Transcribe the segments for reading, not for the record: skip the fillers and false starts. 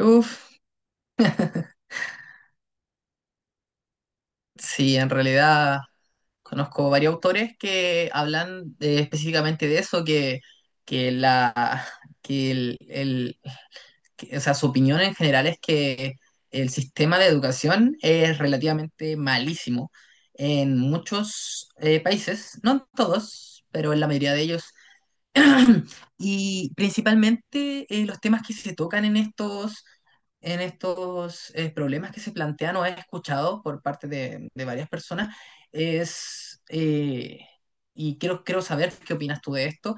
Uf, sí, en realidad conozco varios autores que hablan específicamente de eso, que la que el- que- o sea, su opinión en general es que el sistema de educación es relativamente malísimo en muchos países, no en todos, pero en la mayoría de ellos. Y principalmente los temas que se tocan en estos problemas que se plantean o he escuchado por parte de varias personas es, eh, y quiero saber qué opinas tú de esto.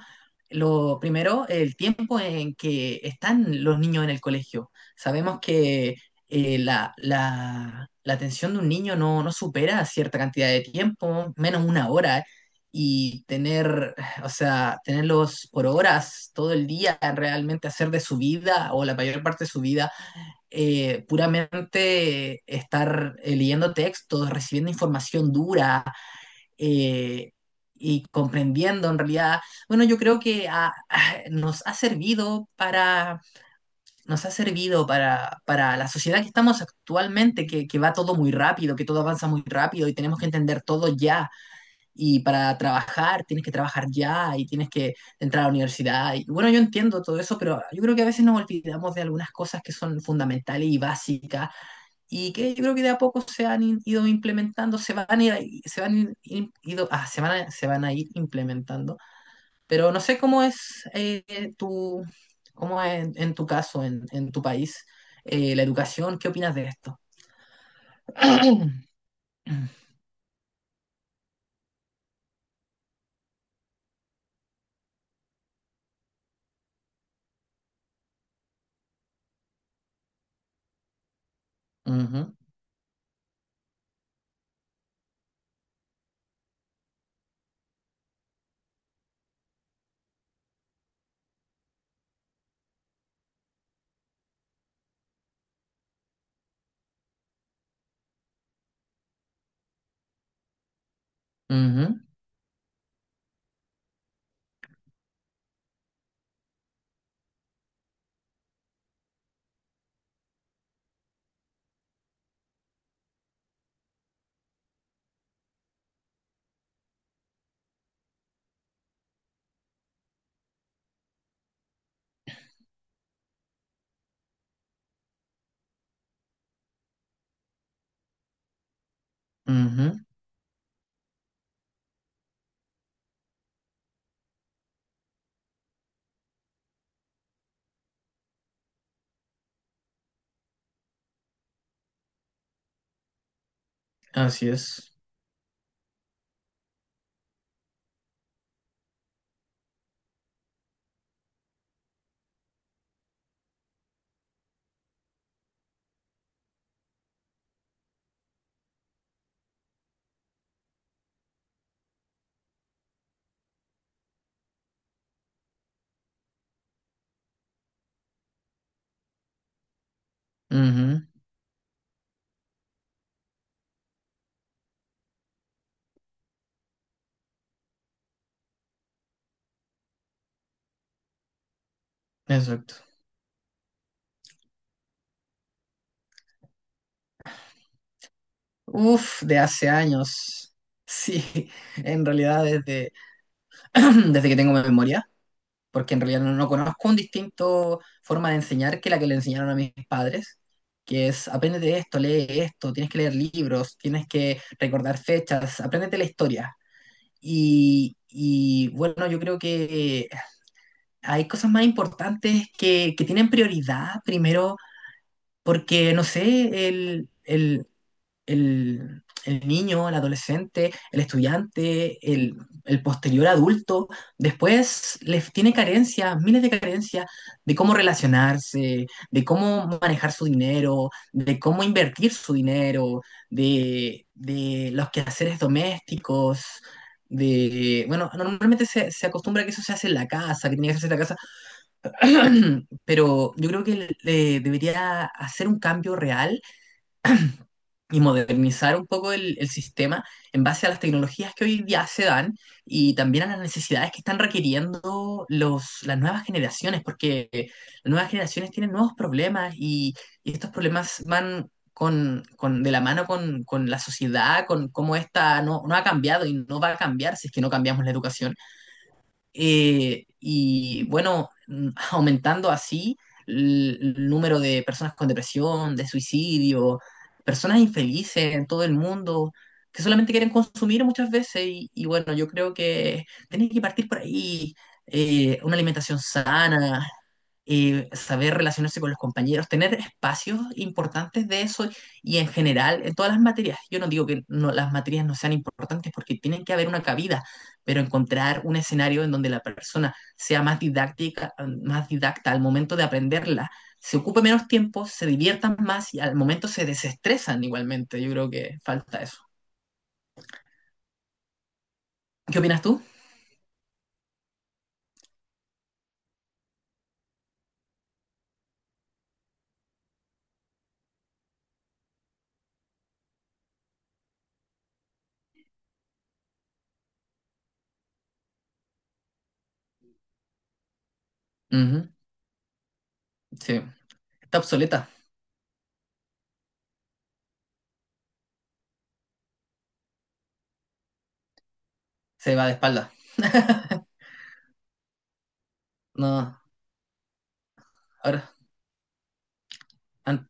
Lo primero, el tiempo en que están los niños en el colegio. Sabemos que la atención de un niño no supera cierta cantidad de tiempo, menos una hora y tener, o sea, tenerlos por horas, todo el día, realmente hacer de su vida o la mayor parte de su vida, puramente estar leyendo textos, recibiendo información dura eh, y comprendiendo en realidad. Bueno, yo creo que nos ha servido para la sociedad que estamos actualmente, que va todo muy rápido, que todo avanza muy rápido y tenemos que entender todo ya y para trabajar tienes que trabajar ya y tienes que entrar a la universidad. Y bueno, yo entiendo todo eso, pero yo creo que a veces nos olvidamos de algunas cosas que son fundamentales y básicas y que yo creo que de a poco se han ido implementando, se van a ir, ahí- se van in- in- ido, ah, se van a ir implementando. Pero no sé tu, cómo es en tu caso, en tu país, la educación, ¿qué opinas de esto? Ujú, ujú, ujú, así es. Ujú. Exacto. Uf, de hace años. Sí, en realidad desde que tengo memoria, porque en realidad no conozco un distinto forma de enseñar que la que le enseñaron a mis padres, que es aprende de esto, lee esto, tienes que leer libros, tienes que recordar fechas, apréndete la historia. Bueno, yo creo que hay cosas más importantes que tienen prioridad primero, porque no sé, el niño, el adolescente, el estudiante, el posterior adulto, después les tiene carencias, miles de carencias de cómo relacionarse, de cómo manejar su dinero, de cómo invertir su dinero, de los quehaceres domésticos. De, bueno, normalmente se acostumbra que eso se hace en la casa, que tiene que hacerse en la casa, pero yo creo que le debería hacer un cambio real y modernizar un poco el sistema en base a las tecnologías que hoy día se dan y también a las necesidades que están requiriendo las nuevas generaciones, porque las nuevas generaciones tienen nuevos problemas y estos problemas de la mano con la sociedad, con cómo esta no ha cambiado y no va a cambiar si es que no cambiamos la educación. Y bueno, aumentando así el número de personas con depresión, de suicidio, personas infelices en todo el mundo que solamente quieren consumir muchas veces. Y bueno, yo creo que tenés que partir por ahí. Una alimentación sana, saber relacionarse con los compañeros, tener espacios importantes de eso y en general en todas las materias. Yo no digo que no, las materias no sean importantes porque tienen que haber una cabida, pero encontrar un escenario en donde la persona sea más didáctica, más didacta al momento de aprenderla, se ocupe menos tiempo, se diviertan más y al momento se desestresan igualmente. Yo creo que falta eso. ¿Qué opinas tú? Ujú, sí, está obsoleta, se va de espalda. No, ahora, an-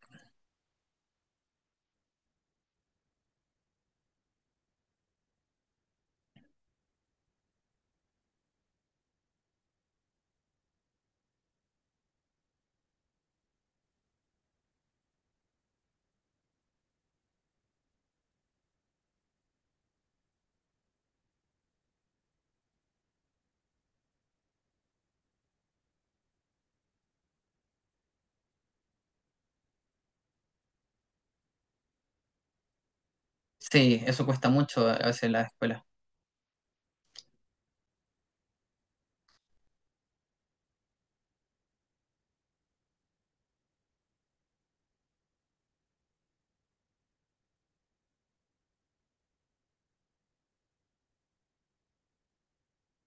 sí, eso cuesta mucho a veces en la escuela.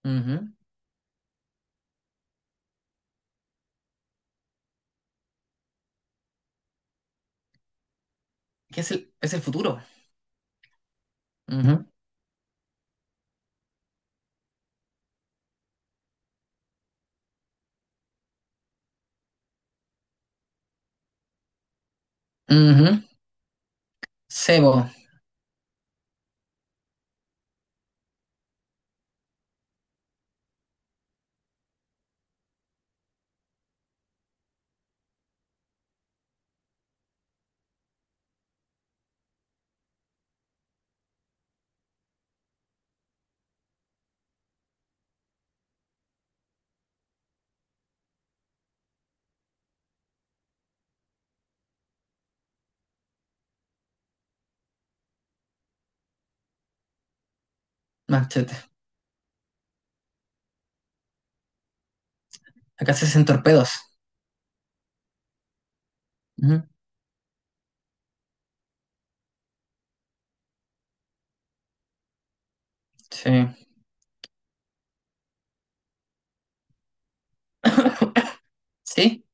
Ujú. ¿Qué es el futuro? Ujú. Ujú. Sebo, machete. Acá se hacen torpedos. Ujú. Sí. Sí,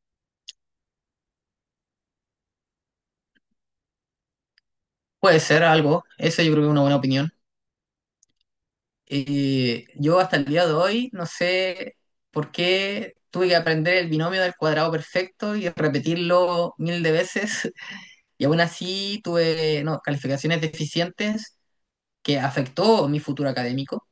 puede ser algo. Eso yo creo que es una buena opinión. Y yo hasta el día de hoy no sé por qué tuve que aprender el binomio del cuadrado perfecto y repetirlo mil de veces. Y aún así tuve no, calificaciones deficientes que afectó mi futuro académico.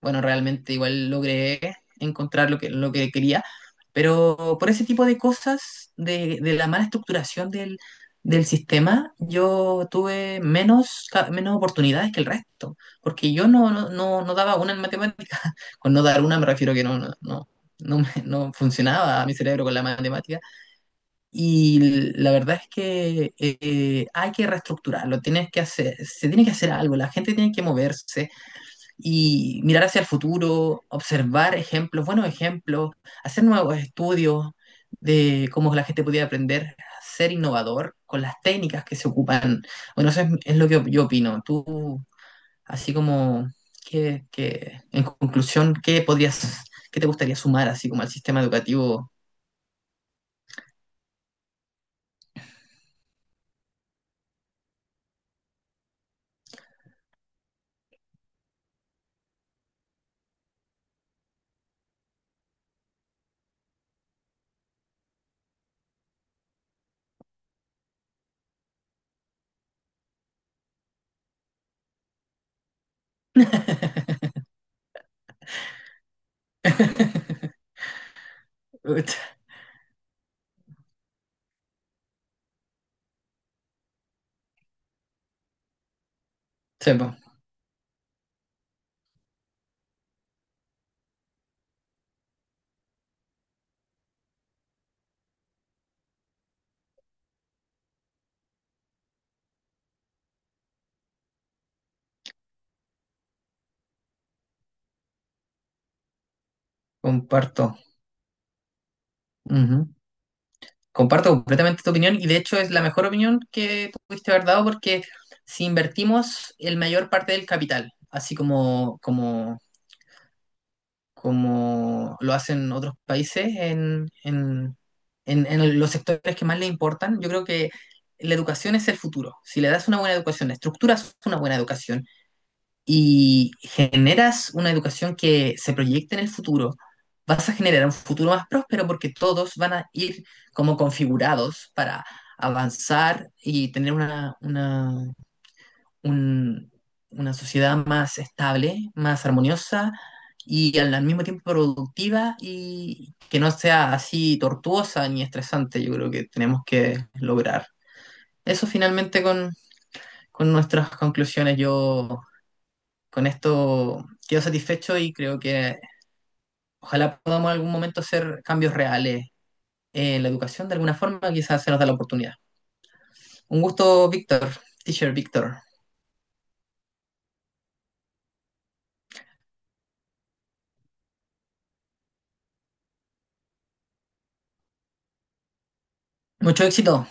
Bueno, realmente igual logré encontrar lo que quería, pero por ese tipo de cosas, de la mala estructuración del sistema, yo tuve menos, menos oportunidades que el resto, porque yo no daba una en matemática. Con no dar una me refiero que no funcionaba mi cerebro con la matemática. Y la verdad es que hay que reestructurarlo, tienes que hacer, se tiene que hacer algo, la gente tiene que moverse y mirar hacia el futuro, observar ejemplos, buenos ejemplos, hacer nuevos estudios de cómo la gente podía aprender a ser innovador con las técnicas que se ocupan. Bueno, es lo que yo opino. Tú, así como, en conclusión, ¿qué podrías, qué te gustaría sumar así como al sistema educativo? Uch, sí, po. Comparto. Ujú. Comparto completamente tu opinión y de hecho es la mejor opinión que pudiste haber dado porque si invertimos el mayor parte del capital, como lo hacen otros países en los sectores que más le importan, yo creo que la educación es el futuro. Si le das una buena educación, estructuras una buena educación. Y generas una educación que se proyecte en el futuro, vas a generar un futuro más próspero porque todos van a ir como configurados para avanzar y tener un- una sociedad más estable, más armoniosa y al, al mismo tiempo productiva y que no sea así tortuosa ni estresante. Yo creo que tenemos que lograr eso finalmente con nuestras conclusiones. Yo con esto quedo satisfecho y creo que ojalá podamos en algún momento hacer cambios reales en la educación de alguna forma, quizás se nos da la oportunidad. Un gusto, Víctor, teacher Víctor. Mucho éxito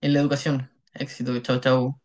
en la educación. Éxito, chao, chao.